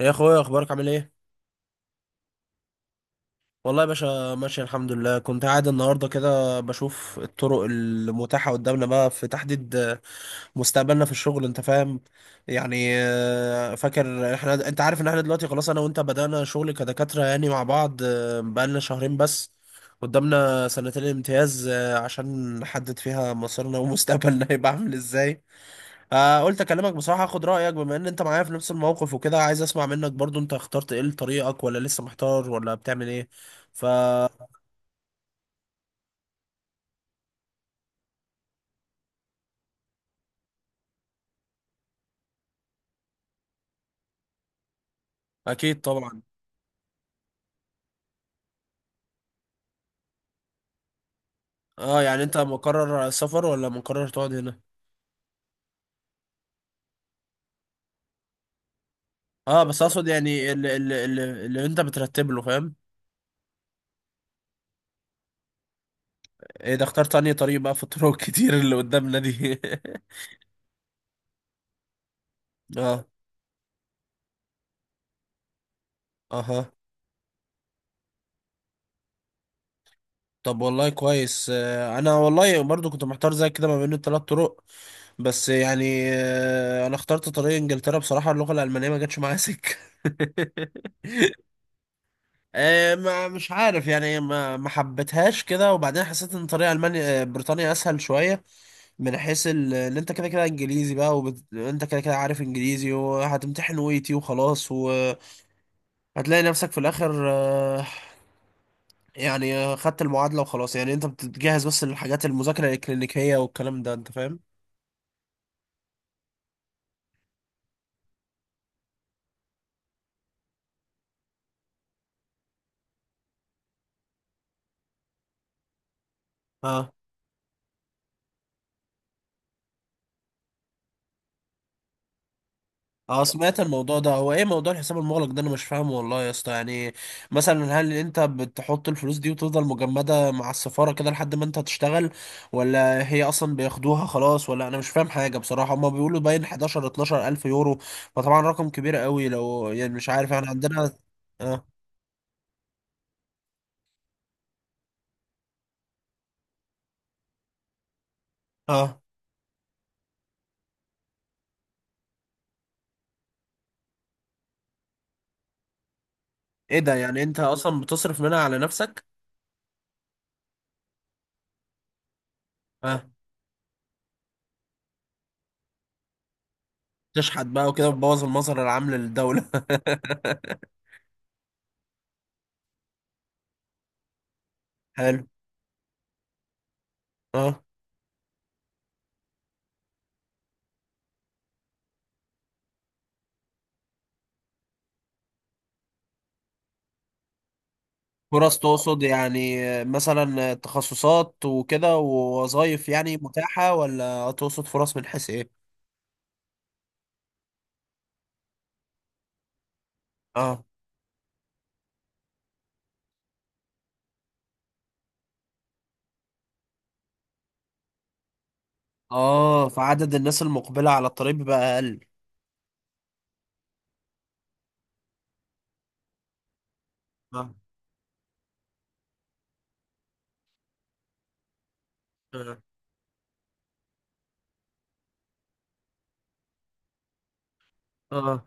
يا اخويا، اخبارك عامل ايه؟ والله يا باشا ماشي الحمد لله. كنت قاعد النهارده كده بشوف الطرق المتاحه قدامنا بقى في تحديد مستقبلنا في الشغل، انت فاهم يعني. فاكر احنا، انت عارف ان احنا دلوقتي خلاص انا وانت بدأنا شغل كدكاتره يعني مع بعض، بقالنا شهرين بس. قدامنا سنتين امتياز عشان نحدد فيها مصيرنا ومستقبلنا. هيبقى عامل ازاي؟ قلت اكلمك بصراحه اخد رايك، بما ان انت معايا في نفس الموقف وكده، عايز اسمع منك برضو انت اخترت ايه لطريقك، ولا لسه محتار، ولا بتعمل ايه؟ فاكيد. طبعا. اه يعني انت مقرر سفر ولا مقرر تقعد هنا؟ اه بس اقصد يعني اللي انت بترتب له، فاهم. ايه ده، اخترت انهي طريق بقى في الطرق الكتير اللي قدامنا دي؟ اه. اها. طب والله كويس. انا والله برضو كنت محتار زي كده ما بين الثلاث طرق، بس يعني انا اخترت طريق انجلترا بصراحة. اللغة الألمانية ما جاتش معايا سكة. ما مش عارف يعني ما حبيتهاش كده، وبعدين حسيت ان طريق المانيا، بريطانيا اسهل شوية من حيث ان انت كده كده انجليزي بقى، وانت كده كده عارف انجليزي، وهتمتحن ويتي وخلاص، وهتلاقي نفسك في الاخر يعني خدت المعادلة وخلاص، يعني انت بتجهز بس للحاجات المذاكرة الإلكترونيكية والكلام ده، انت فاهم. اه. اه سمعت الموضوع ده. هو ايه موضوع الحساب المغلق ده؟ انا مش فاهمه والله يا اسطى يعني. مثلا هل انت بتحط الفلوس دي وتفضل مجمدة مع السفارة كده لحد ما انت تشتغل، ولا هي اصلا بياخدوها خلاص؟ ولا انا مش فاهم حاجة بصراحة. هما بيقولوا باين 11 12 الف يورو، فطبعا رقم كبير قوي لو يعني، مش عارف احنا عندنا. اه. اه. ايه ده، يعني انت اصلا بتصرف منها على نفسك؟ تشحت بقى وكده، بتبوظ المظهر العام للدولة. حلو. اه. فرص تقصد يعني مثلا تخصصات وكده ووظائف يعني متاحة، ولا تقصد فرص من حيث ايه؟ اه. اه فعدد الناس المقبلة على الطريق بقى أقل. اه. اه. اه.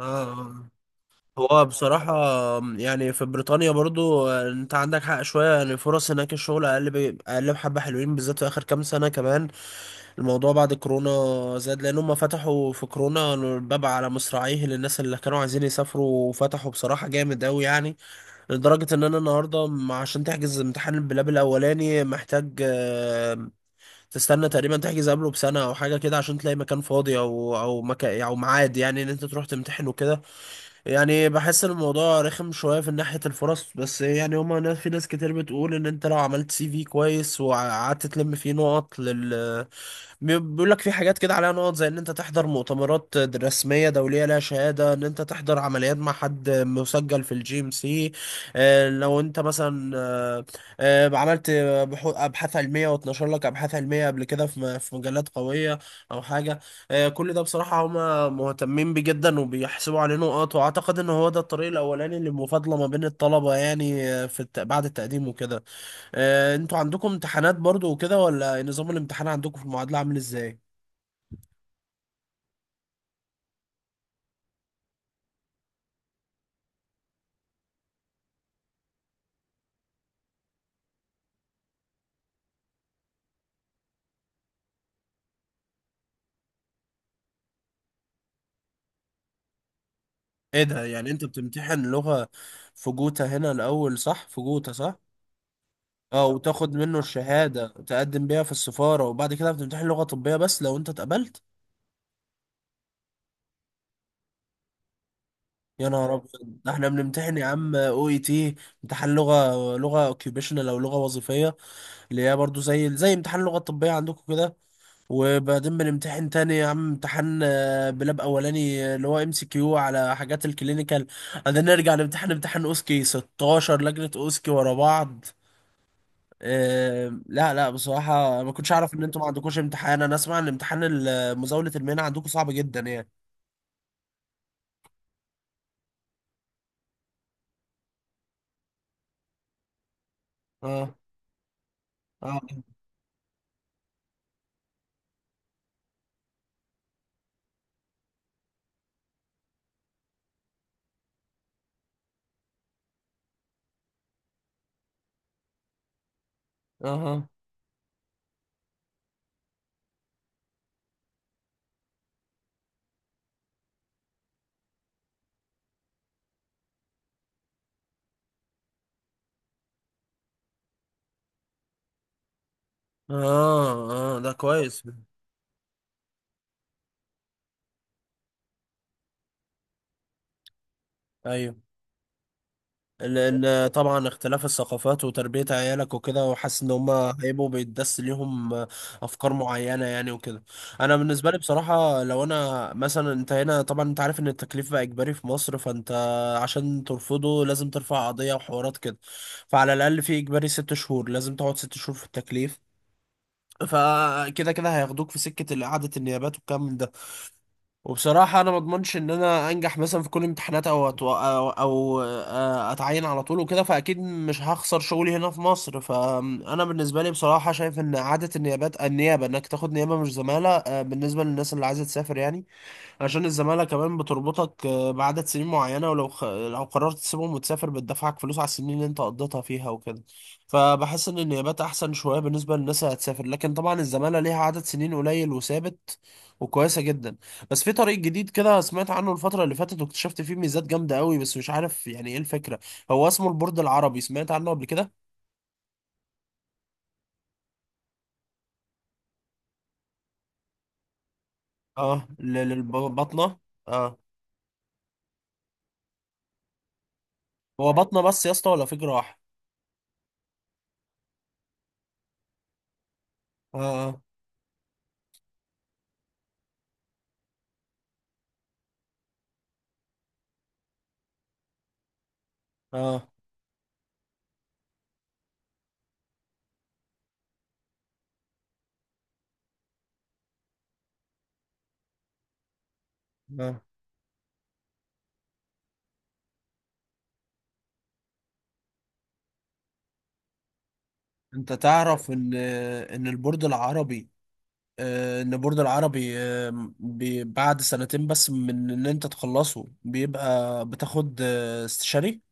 اه. آه. هو بصراحة يعني في بريطانيا برضو انت عندك حق شوية. يعني فرص هناك الشغل أقل أقل بحبة حلوين، بالذات في آخر كام سنة. كمان الموضوع بعد كورونا زاد، لان هم فتحوا في كورونا الباب على مصراعيه للناس اللي كانوا عايزين يسافروا، وفتحوا بصراحة جامد قوي يعني، لدرجة ان انا النهاردة عشان تحجز امتحان البلاب الاولاني محتاج تستنى تقريبا تحجز قبله بسنة او حاجة كده عشان تلاقي مكان فاضي، او مكان او ميعاد، يعني ان انت تروح تمتحن وكده. يعني بحس ان الموضوع رخم شويه في ناحيه الفرص، بس يعني هما ناس، في ناس كتير بتقول ان انت لو عملت سي في كويس وقعدت تلم فيه نقط لل بيقول لك في حاجات كده عليها نقط، زي ان انت تحضر مؤتمرات رسميه دوليه لها شهاده، ان انت تحضر عمليات مع حد مسجل في الجي ام سي، لو انت مثلا آه، عملت ابحاث علميه، واتنشر لك ابحاث علميه قبل كده في في مجلات قويه او حاجه، كل ده بصراحة هما مهتمين بيه جدا، وبيحسبوا عليه نقط. وأعتقد إن هو ده الطريق الأولاني للمفاضلة ما بين الطلبة، يعني في بعد التقديم وكده. أنتوا عندكم امتحانات برضو وكده، ولا نظام الامتحان عندكم في المعادلة عامل إزاي؟ إيه ده، يعني أنت بتمتحن لغة في جوتا هنا الأول، صح؟ في جوتا صح؟ أه، وتاخد منه الشهادة تقدم بيها في السفارة، وبعد كده بتمتحن لغة طبية بس لو أنت اتقبلت. يا نهار أبيض، ده إحنا بنمتحن يا عم أو إي تي، امتحان لغة، لغة اوكيوبيشنال أو لغة وظيفية، اللي هي برضو زي زي امتحان لغة طبية عندكم كده. وبعدين بنمتحن تاني يا عم امتحان بلاب اولاني، اللي هو ام سي كيو على حاجات الكلينيكال. بعدين نرجع نمتحن امتحان اوسكي، 16 لجنة اوسكي ورا بعض. لا لا بصراحة ما كنتش اعرف ان انتوا ما عندكوش امتحان. انا اسمع ان امتحان مزاولة المهنة عندكم صعب جدا يعني. اه. اه. اه. اه. اه ده كويس. ايوه. لان طبعا اختلاف الثقافات وتربية عيالك وكده، وحاسس ان هما هيبقوا بيتدس ليهم افكار معينة يعني وكده. انا بالنسبة لي بصراحة، لو انا مثلا، انت هنا طبعا انت عارف ان التكليف بقى اجباري في مصر، فانت عشان ترفضه لازم ترفع قضية وحوارات كده. فعلى الاقل في اجباري 6 شهور، لازم تقعد 6 شهور في التكليف. فكده كده هياخدوك في سكة إعادة النيابات والكلام من ده. وبصراحة أنا ما أضمنش إن أنا أنجح مثلا في كل الامتحانات، أو أتو... أو, أو آه، أتعين على طول وكده. فأكيد مش هخسر شغلي هنا في مصر. فأنا بالنسبة لي بصراحة شايف إن إعادة النيابات، النيابة إنك تاخد نيابة مش زمالة، بالنسبة للناس اللي عايزة تسافر يعني. عشان الزمالة كمان بتربطك بعدد سنين معينة، ولو لو قررت تسيبهم وتسافر بتدفعك فلوس على السنين اللي انت قضيتها فيها وكده. فبحس ان النيابات احسن شوية بالنسبة للناس اللي هتسافر. لكن طبعا الزمالة ليها عدد سنين قليل وثابت، وكويسة جدا. بس في طريق جديد كده سمعت عنه الفترة اللي فاتت، واكتشفت فيه ميزات جامدة قوي، بس مش عارف يعني ايه الفكرة. هو اسمه البورد العربي، سمعت عنه قبل كده؟ اه للبطنة. اه. هو بطنة بس يا اسطى ولا في جراح؟ اه. اه. اه. انت تعرف ان البورد العربي، ان البورد العربي بعد سنتين بس من ان انت تخلصه بيبقى بتاخد استشاري.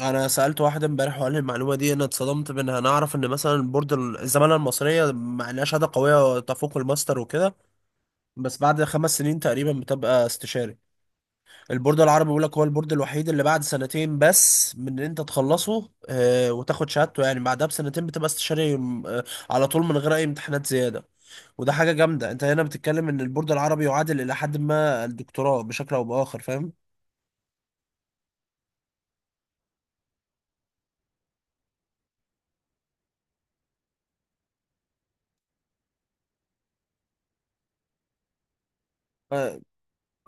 انا سألت واحد امبارح وقال لي المعلومة دي، انا اتصدمت منها. انا اعرف ان مثلا البورد الزمالة المصرية، مع انها شهادة قوية تفوق الماستر وكده، بس بعد 5 سنين تقريبا بتبقى استشاري. البورد العربي بيقول لك هو البورد الوحيد اللي بعد سنتين بس من ان انت تخلصه وتاخد شهادته، يعني بعدها بسنتين بتبقى استشاري على طول من غير اي امتحانات زياده. وده حاجه جامده. انت هنا بتتكلم ان البورد العربي يعادل الى حد ما الدكتوراه بشكل او باخر، فاهم. آه،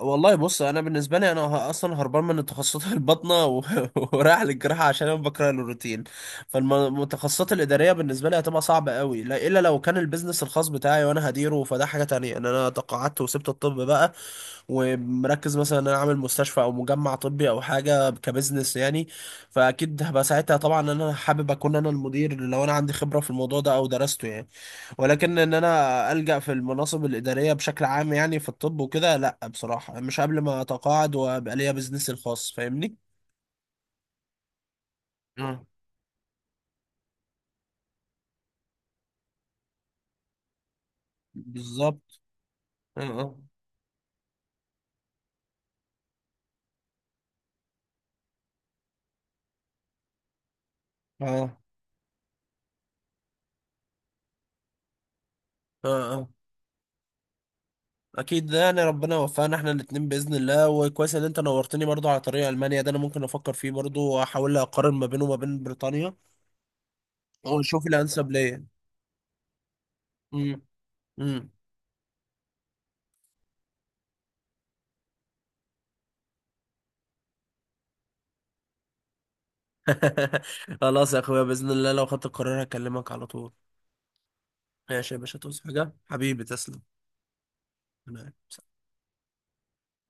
والله بص، انا بالنسبه لي انا اصلا هربان من تخصصات البطنه ورايح للجراحه عشان انا بكره الروتين. فالمتخصصات الاداريه بالنسبه لي هتبقى صعبه قوي، لا الا لو كان البيزنس الخاص بتاعي وانا هديره، فده حاجه تانية ان انا تقاعدت وسبت الطب بقى، ومركز مثلا ان انا عامل مستشفى او مجمع طبي او حاجه كبزنس يعني. فاكيد هبقى ساعتها طبعا ان انا حابب اكون انا المدير، لو انا عندي خبره في الموضوع ده او درسته يعني. ولكن ان انا الجا في المناصب الاداريه بشكل عام يعني في الطب وكده، لا بصراحه، مش قبل ما اتقاعد وابقى ليا بزنسي الخاص، فاهمني. اه بالظبط. اه. آه. اه. اه اكيد. ده يعني ربنا وفقنا احنا الاتنين باذن الله. وكويس ان انت نورتني برضو على طريق المانيا ده، انا ممكن افكر فيه برضو واحاول اقارن ما بينه وما بين بريطانيا واشوف الانسب ليا. امم. امم. خلاص يا اخويا، باذن الله لو خدت القرار هكلمك على طول. ماشي يا باشا، توصي حاجه؟ حبيبي تسلم. أنا-